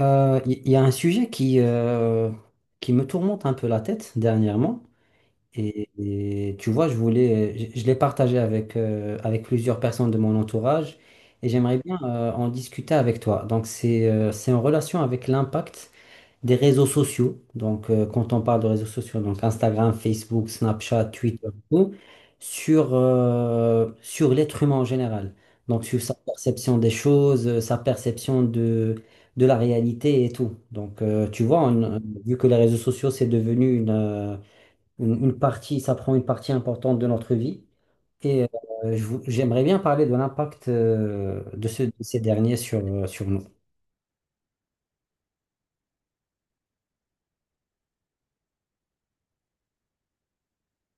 Il y, a un sujet qui me tourmente un peu la tête dernièrement. Et, et tu vois, je l'ai partagé avec, avec plusieurs personnes de mon entourage et j'aimerais bien en discuter avec toi. Donc, c'est en relation avec l'impact des réseaux sociaux. Donc, quand on parle de réseaux sociaux, donc Instagram, Facebook, Snapchat, Twitter, tout, sur l'être humain en général. Donc, sur sa perception des choses, sa perception de la réalité et tout. Donc, tu vois, vu que les réseaux sociaux, c'est devenu une partie, ça prend une partie importante de notre vie. Et j'aimerais bien parler de l'impact de ces derniers sur, sur nous.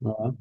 Ouais,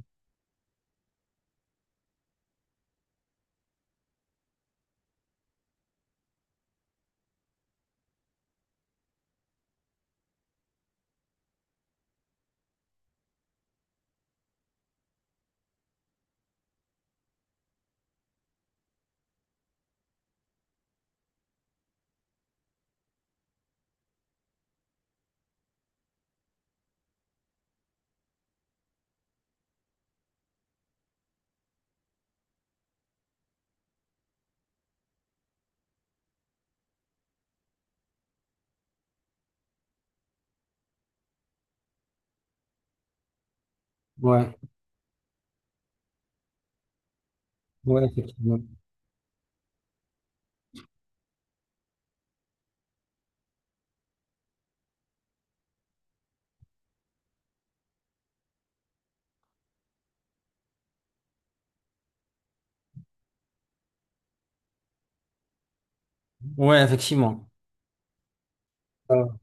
ouais, ouais, effectivement. Ouais, effectivement. Ah,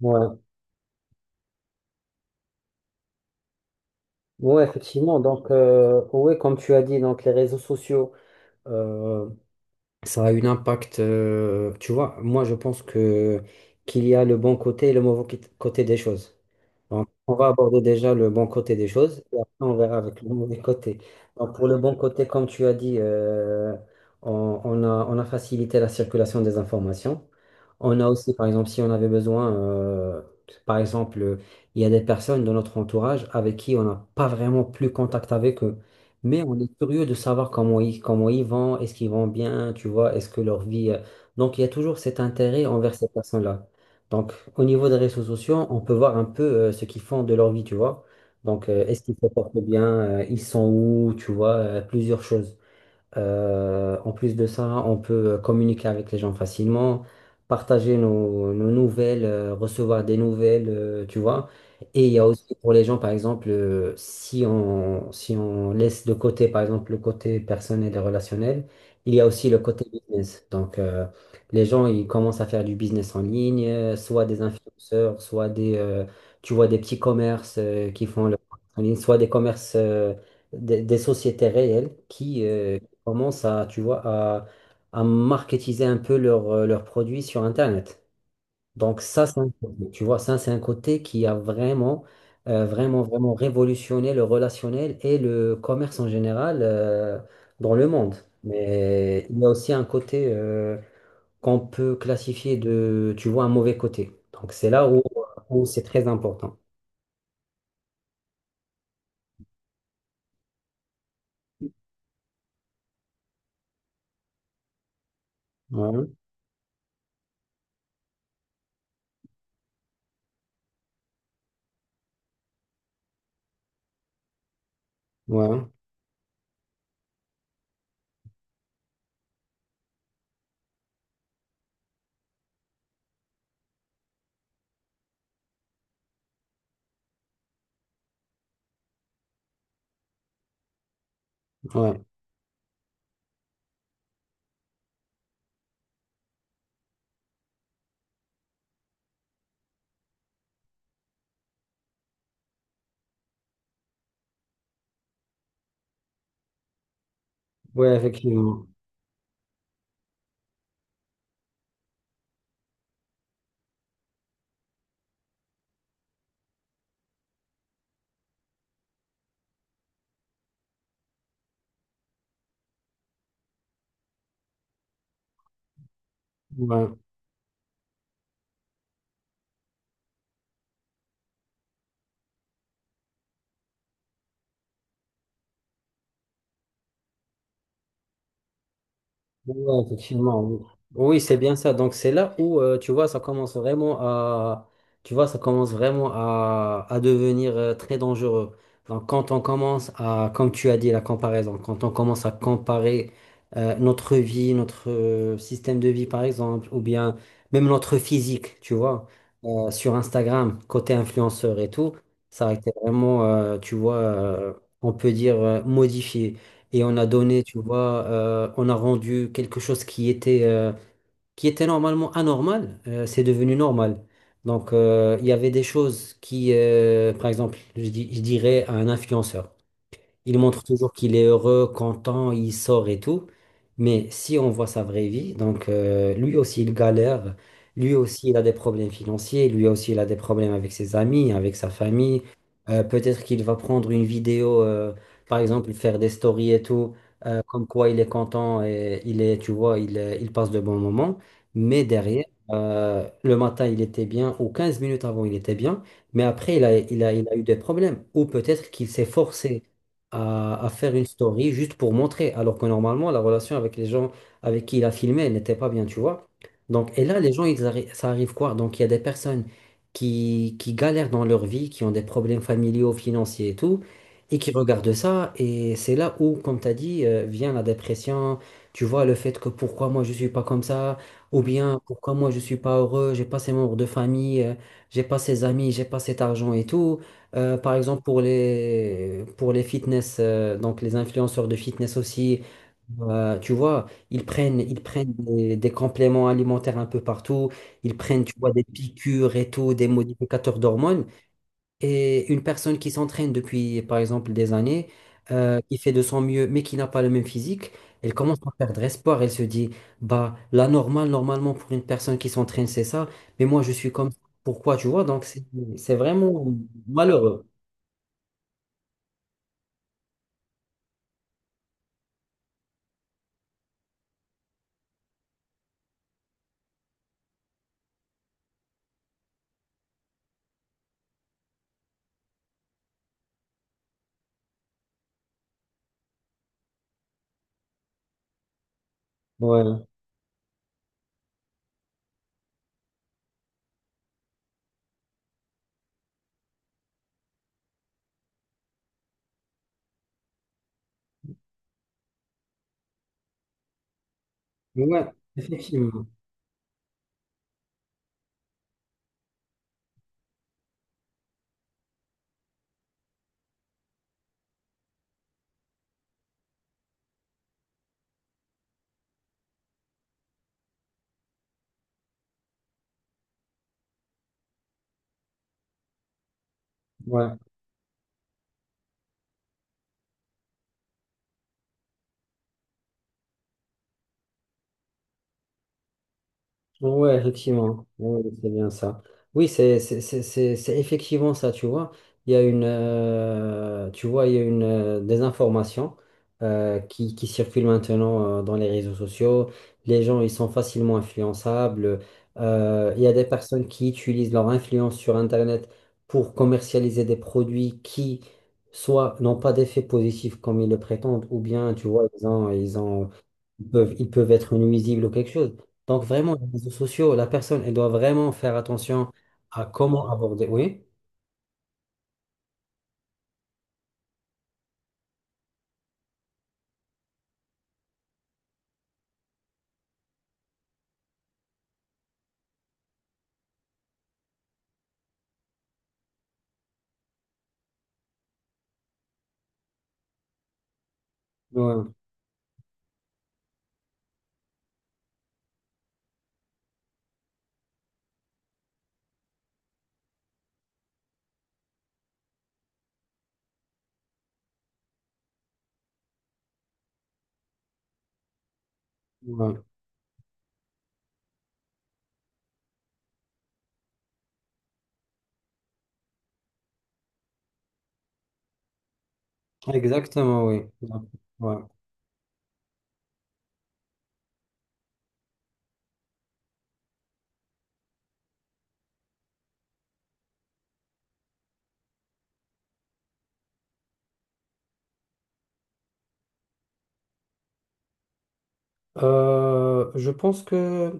ouais. Ouais, effectivement. Donc, ouais, comme tu as dit, donc les réseaux sociaux, euh, ça a un impact. Tu vois, moi, je pense que qu'il y a le bon côté et le mauvais côté des choses. Donc, on va aborder déjà le bon côté des choses et après on verra avec le mauvais côté. Donc, pour le bon côté, comme tu as dit, on, on a facilité la circulation des informations. On a aussi, par exemple, si on avait besoin, par exemple, il y a des personnes de notre entourage avec qui on n'a pas vraiment plus contact avec eux, mais on est curieux de savoir comment ils vont, est-ce qu'ils vont bien, tu vois, est-ce que leur vie. Donc, il y a toujours cet intérêt envers ces personnes-là. Donc, au niveau des réseaux sociaux, on peut voir un peu ce qu'ils font de leur vie, tu vois. Donc, est-ce qu'ils se portent bien, ils sont où, tu vois, plusieurs choses. En plus de ça, on peut communiquer avec les gens facilement, partager nos nouvelles, recevoir des nouvelles, tu vois. Et il y a aussi pour les gens, par exemple, si on, si on laisse de côté, par exemple, le côté personnel et relationnel, il y a aussi le côté business. Donc, les gens, ils commencent à faire du business en ligne, soit des influenceurs, tu vois, des petits commerces, qui font le en ligne, soit des commerces, des sociétés réelles qui, commencent à, tu vois, à marketiser un peu leurs leurs produits sur Internet. Donc ça, c'est un côté, tu vois, ça, c'est un côté qui a vraiment, vraiment révolutionné le relationnel et le commerce en général dans le monde. Mais il y a aussi un côté qu'on peut classifier de, tu vois, un mauvais côté. Donc c'est là où, où c'est très important. Ouais, ouais, ouais, ouais, effectivement. Ouais. Ouais, effectivement. Oui, oui, c'est bien ça. Donc c'est là où tu vois ça commence vraiment à, à devenir très dangereux. Donc quand on commence à comme tu as dit la comparaison, quand on commence à comparer notre vie, notre système de vie par exemple ou bien même notre physique, tu vois, sur Instagram côté influenceur et tout, ça a été vraiment on peut dire modifié et on a donné, tu vois, on a rendu quelque chose qui était normalement anormal, c'est devenu normal. Donc, il y avait des choses qui, par exemple, je dirais à un influenceur. Il montre toujours qu'il est heureux, content, il sort et tout. Mais si on voit sa vraie vie, donc lui aussi il galère, lui aussi il a des problèmes financiers, lui aussi il a des problèmes avec ses amis, avec sa famille. Peut-être qu'il va prendre une vidéo, par exemple faire des stories et tout, comme quoi il est content et il est, tu vois, il passe de bons moments. Mais derrière, le matin il était bien, ou 15 minutes avant il était bien, mais après il a eu des problèmes. Ou peut-être qu'il s'est forcé à faire une story juste pour montrer, alors que normalement, la relation avec les gens avec qui il a filmé elle n'était pas bien, tu vois. Donc, et là, les gens, ça arrive quoi? Donc, il y a des personnes qui galèrent dans leur vie, qui ont des problèmes familiaux, financiers et tout, et qui regardent ça, et c'est là où, comme tu as dit, vient la dépression, tu vois, le fait que pourquoi moi je suis pas comme ça, ou bien pourquoi moi je suis pas heureux, j'ai pas ces membres de famille, j'ai pas ces amis, j'ai pas cet argent et tout. Par exemple, pour les fitness, donc les influenceurs de fitness aussi, tu vois, ils prennent des compléments alimentaires un peu partout, ils prennent, tu vois, des piqûres et tout, des modificateurs d'hormones. Et une personne qui s'entraîne depuis, par exemple, des années, qui fait de son mieux, mais qui n'a pas le même physique, elle commence à perdre espoir. Elle se dit, bah, la normale, normalement, pour une personne qui s'entraîne, c'est ça, mais moi, je suis comme ça. Pourquoi, tu vois, donc c'est vraiment malheureux. Ouais, ouais, effectivement. Ouais. Ouais, effectivement. Ouais, ouais, c'est bien ça. Oui, c'est effectivement ça, tu vois. Il y a une, tu vois, il y a une désinformation qui circule maintenant dans les réseaux sociaux. Les gens, ils sont facilement influençables. Il y a des personnes qui utilisent leur influence sur Internet pour commercialiser des produits qui, soit n'ont pas d'effet positif comme ils le prétendent, ou bien, tu vois, ils ont, ils peuvent être nuisibles ou quelque chose. Donc vraiment, les réseaux sociaux, la personne, elle doit vraiment faire attention à comment aborder. Oui, ouais, ouais. Exactement, oui. Ouais. Je pense que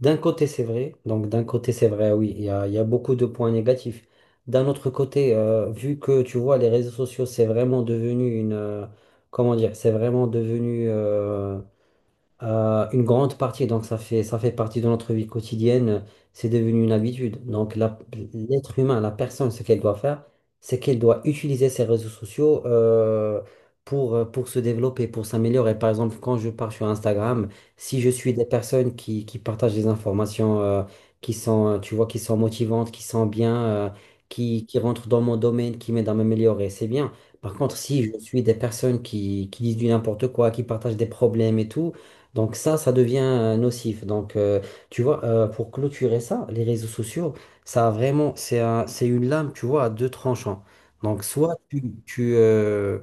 d'un côté, c'est vrai. Donc d'un côté, c'est vrai, oui, il y a beaucoup de points négatifs. D'un autre côté, vu que tu vois, les réseaux sociaux, c'est vraiment devenu une... comment dire? C'est vraiment devenu... une grande partie, donc ça fait partie de notre vie quotidienne, c'est devenu une habitude. L'être humain, la personne, ce qu'elle doit faire, c'est qu'elle doit utiliser ses réseaux sociaux pour se développer, pour s'améliorer. Par exemple, quand je pars sur Instagram, si je suis des personnes qui partagent des informations qui sont, tu vois, qui sont motivantes, qui sont bien, qui rentrent dans mon domaine, qui m'aident à m'améliorer, c'est bien. Par contre, si je suis des personnes qui disent du n'importe quoi, qui partagent des problèmes et tout, donc ça devient nocif. Donc tu vois, pour clôturer ça, les réseaux sociaux, c'est un- c'est une lame, tu vois, à deux tranchants. Donc soit tu, tu, euh,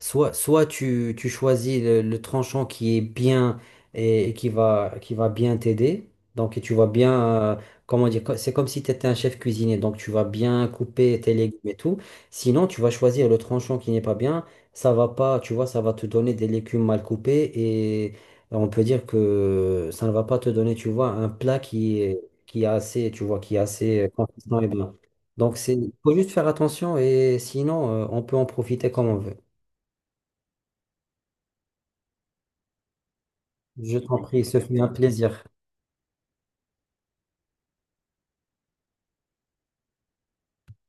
soit, soit tu, tu choisis le tranchant qui est bien et qui va bien t'aider. Donc et tu vas bien, comment dire, c'est comme si tu étais un chef cuisinier. Donc tu vas bien couper tes légumes et tout. Sinon, tu vas choisir le tranchant qui n'est pas bien. Ça va pas, tu vois, ça va te donner des légumes mal coupés et on peut dire que ça ne va pas te donner, tu vois, un plat qui est assez, tu vois, qui est assez consistant et bien. Donc, c'est, faut juste faire attention et sinon, on peut en profiter comme on veut. Je t'en prie, ce fut un plaisir.